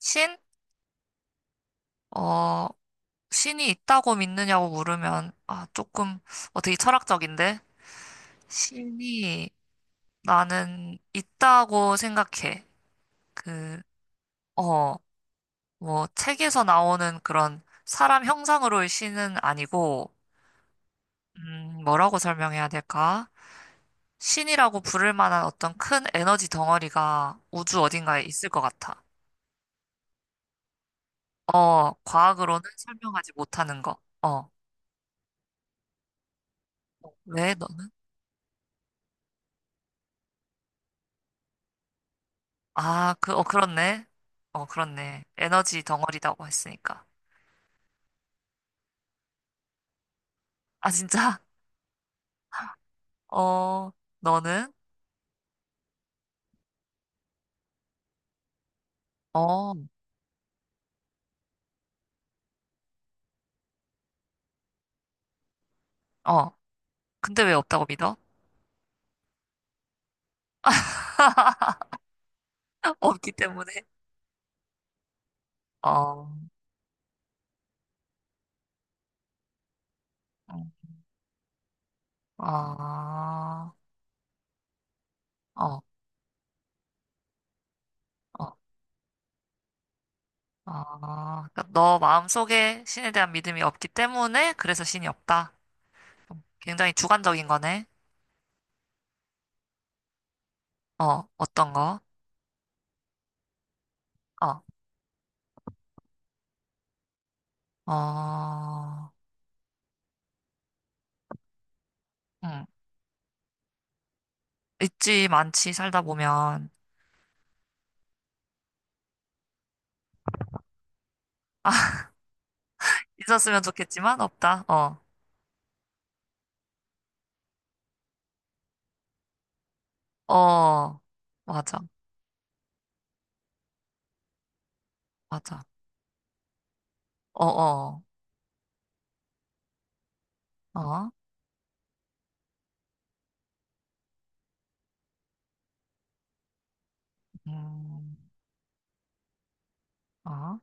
신? 어, 신이 있다고 믿느냐고 물으면, 아, 조금, 되게 철학적인데? 신이 나는 있다고 생각해. 그, 어, 뭐, 책에서 나오는 그런 사람 형상으로의 신은 아니고, 뭐라고 설명해야 될까? 신이라고 부를 만한 어떤 큰 에너지 덩어리가 우주 어딘가에 있을 것 같아. 과학으로는 설명하지 못하는 거. 어, 왜 너는? 아, 그, 그렇네. 그렇네. 에너지 덩어리라고 했으니까. 아, 진짜? 어, 너는? 어, 어. 근데 왜 없다고 믿어? 없기 때문에. 어, 어, 어, 어, 어. 아, 그러니까 너 마음속에 신에 대한 믿음이 없기 때문에 그래서 신이 없다. 굉장히 주관적인 거네. 어떤 거? 어, 어, 응. 있지, 많지, 살다 보면. 있었으면 좋겠지만 없다. 어. 어, 맞아, 맞아. 어, 어, 어, 음, 어,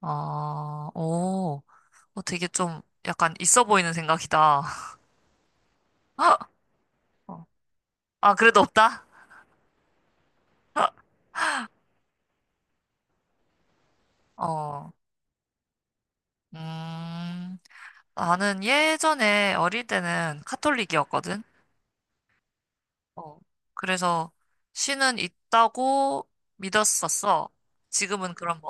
어, 오, 되게 좀 약간 있어 보이는 생각이다. 어. 아, 그래도 없다? 어, 음, 나는 예전에 어릴 때는 카톨릭이었거든. 어, 그래서 신은 있다고 믿었었어. 지금은 그런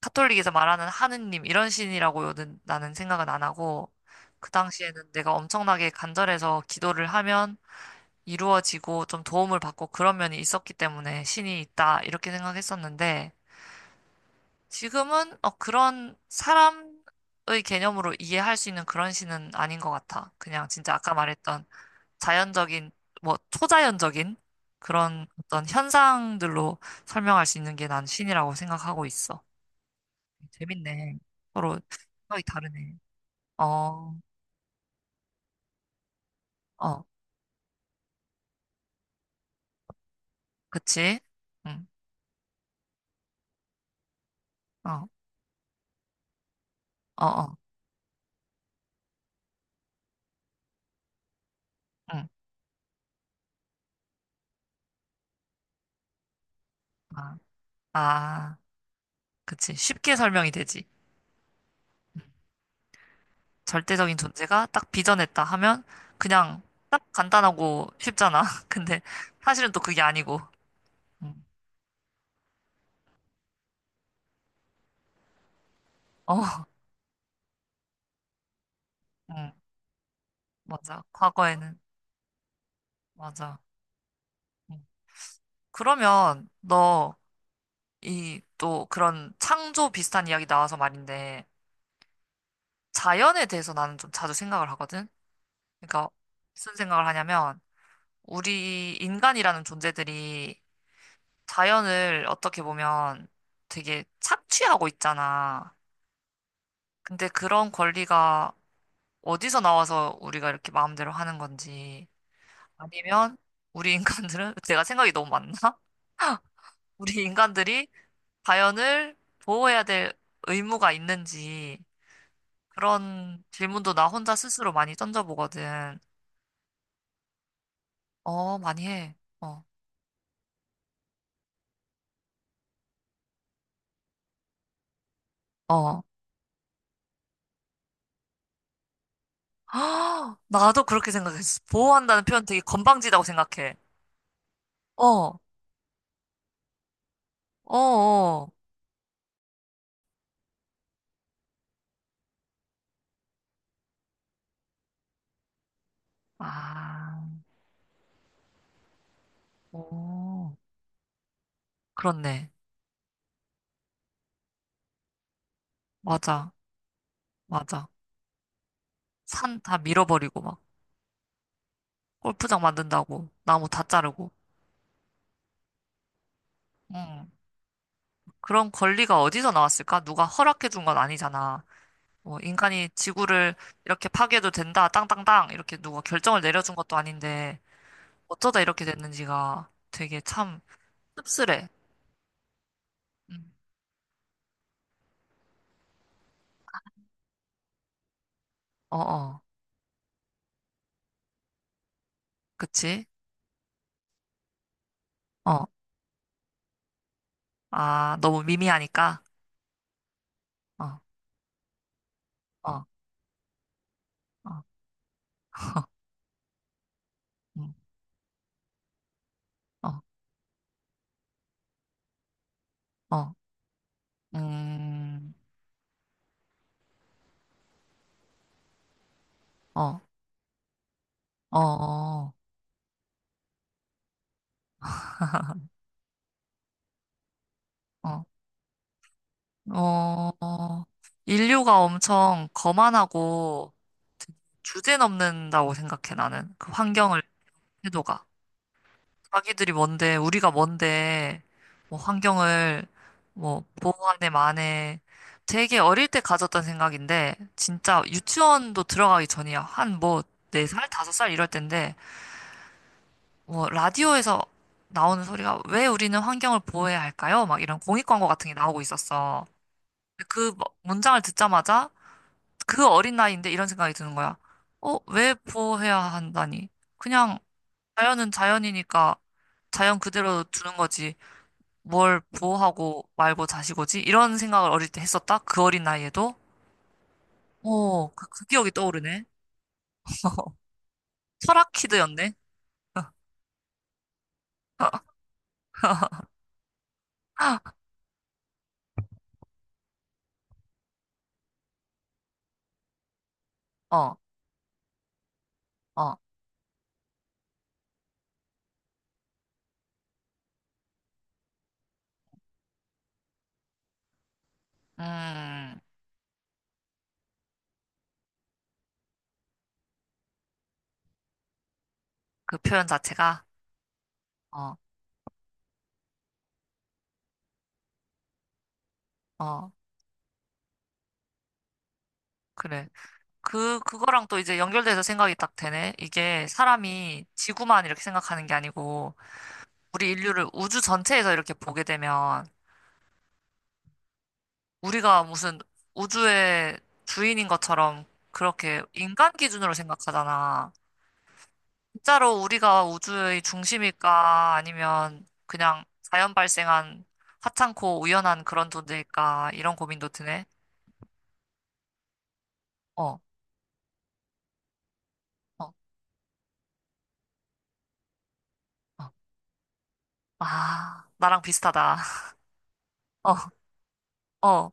카톨릭에서 말하는 하느님 이런 신이라고는 나는 생각은 안 하고 그 당시에는 내가 엄청나게 간절해서 기도를 하면 이루어지고 좀 도움을 받고 그런 면이 있었기 때문에 신이 있다 이렇게 생각했었는데 지금은 그런 사람의 개념으로 이해할 수 있는 그런 신은 아닌 것 같아. 그냥 진짜 아까 말했던 자연적인 뭐 초자연적인 그런 어떤 현상들로 설명할 수 있는 게 난 신이라고 생각하고 있어. 재밌네. 서로 생각이 다르네. 어, 어, 그치? 응, 어, 어, 어, 응. 아, 아, 그치. 쉽게 설명이 되지. 절대적인 존재가 딱 빚어냈다 하면 그냥 딱 간단하고 쉽잖아. 근데 사실은 또 그게 아니고. 응, 어, 응, 맞아. 과거에는, 맞아. 응. 그러면 너 이 또 그런 창조 비슷한 이야기 나와서 말인데 자연에 대해서 나는 좀 자주 생각을 하거든. 그러니까 무슨 생각을 하냐면 우리 인간이라는 존재들이 자연을 어떻게 보면 되게 착취하고 있잖아. 근데 그런 권리가 어디서 나와서 우리가 이렇게 마음대로 하는 건지 아니면 우리 인간들은 제가 생각이 너무 많나? 우리 인간들이 자연을 보호해야 될 의무가 있는지 그런 질문도 나 혼자 스스로 많이 던져보거든. 많이 해. 어, 어. 아, 나도 그렇게 생각했어. 보호한다는 표현 되게 건방지다고 생각해. 어, 어, 어. 아, 오, 그렇네. 맞아, 맞아. 산 다 밀어버리고 막 골프장 만든다고 나무 다 자르고. 응. 그런 권리가 어디서 나왔을까? 누가 허락해 준 건 아니잖아. 뭐 인간이 지구를 이렇게 파괴해도 된다, 땅땅땅 이렇게 누가 결정을 내려준 것도 아닌데 어쩌다 이렇게 됐는지가 되게 참 씁쓸해. 응. 어, 어, 그치? 어. 아, 너무 미미하니까. 어, 어, 어, 음, 어, 어, 음, 어, 어, 어, 어, 어. 인류가 엄청 거만하고 주제넘는다고 생각해, 나는. 그 환경을, 태도가. 자기들이 뭔데, 우리가 뭔데, 뭐 환경을, 뭐, 보호하네, 마네. 되게 어릴 때 가졌던 생각인데, 진짜 유치원도 들어가기 전이야. 한 뭐, 4살 5살 이럴 때인데, 뭐 라디오에서 나오는 소리가 왜 우리는 환경을 보호해야 할까요? 막 이런 공익 광고 같은 게 나오고 있었어. 그 문장을 듣자마자 그 어린 나이인데 이런 생각이 드는 거야. 왜 보호해야 한다니? 그냥 자연은 자연이니까 자연 그대로 두는 거지. 뭘 보호하고 말고 자시고지? 이런 생각을 어릴 때 했었다? 그 어린 나이에도? 오, 그 기억이 떠오르네. 철학 키드였네. 어, 어, 음, 그 표현 자체가. 어, 어. 그래. 그거랑 또 이제 연결돼서 생각이 딱 되네. 이게 사람이 지구만 이렇게 생각하는 게 아니고, 우리 인류를 우주 전체에서 이렇게 보게 되면, 우리가 무슨 우주의 주인인 것처럼 그렇게 인간 기준으로 생각하잖아. 진짜로 우리가 우주의 중심일까? 아니면 그냥 자연 발생한 하찮고 우연한 그런 존재일까? 이런 고민도 드네. 어, 어, 어. 아, 나랑 비슷하다. 어, 어.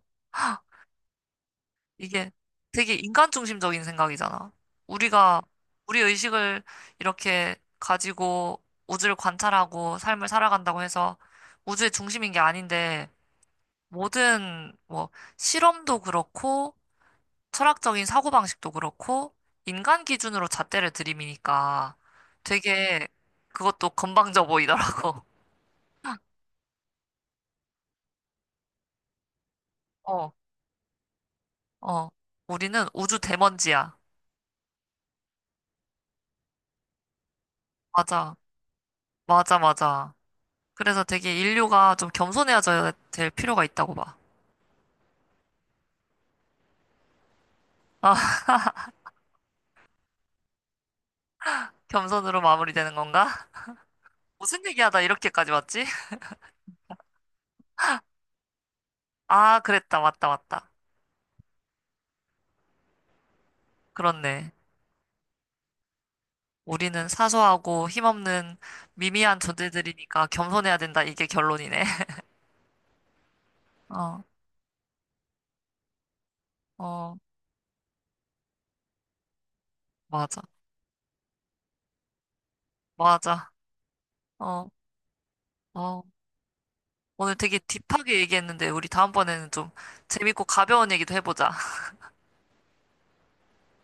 이게 되게 인간 중심적인 생각이잖아. 우리가 우리 의식을 이렇게 가지고 우주를 관찰하고 삶을 살아간다고 해서 우주의 중심인 게 아닌데 모든 뭐 실험도 그렇고 철학적인 사고방식도 그렇고 인간 기준으로 잣대를 들이미니까 되게 그것도 건방져 보이더라고. 어, 어. 우리는 우주 대먼지야. 맞아. 맞아, 맞아. 그래서 되게 인류가 좀 겸손해져야 될 필요가 있다고 봐. 아, 겸손으로 마무리되는 건가? 무슨 얘기하다 이렇게까지 왔지? 아, 그랬다. 맞다, 맞다. 그렇네. 우리는 사소하고 힘없는 미미한 존재들이니까 겸손해야 된다. 이게 결론이네. 어, 어, 맞아. 맞아. 어, 어. 오늘 되게 딥하게 얘기했는데, 우리 다음번에는 좀 재밌고 가벼운 얘기도 해보자.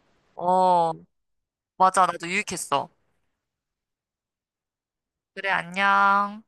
어, 맞아. 나도 유익했어. 그래, 안녕.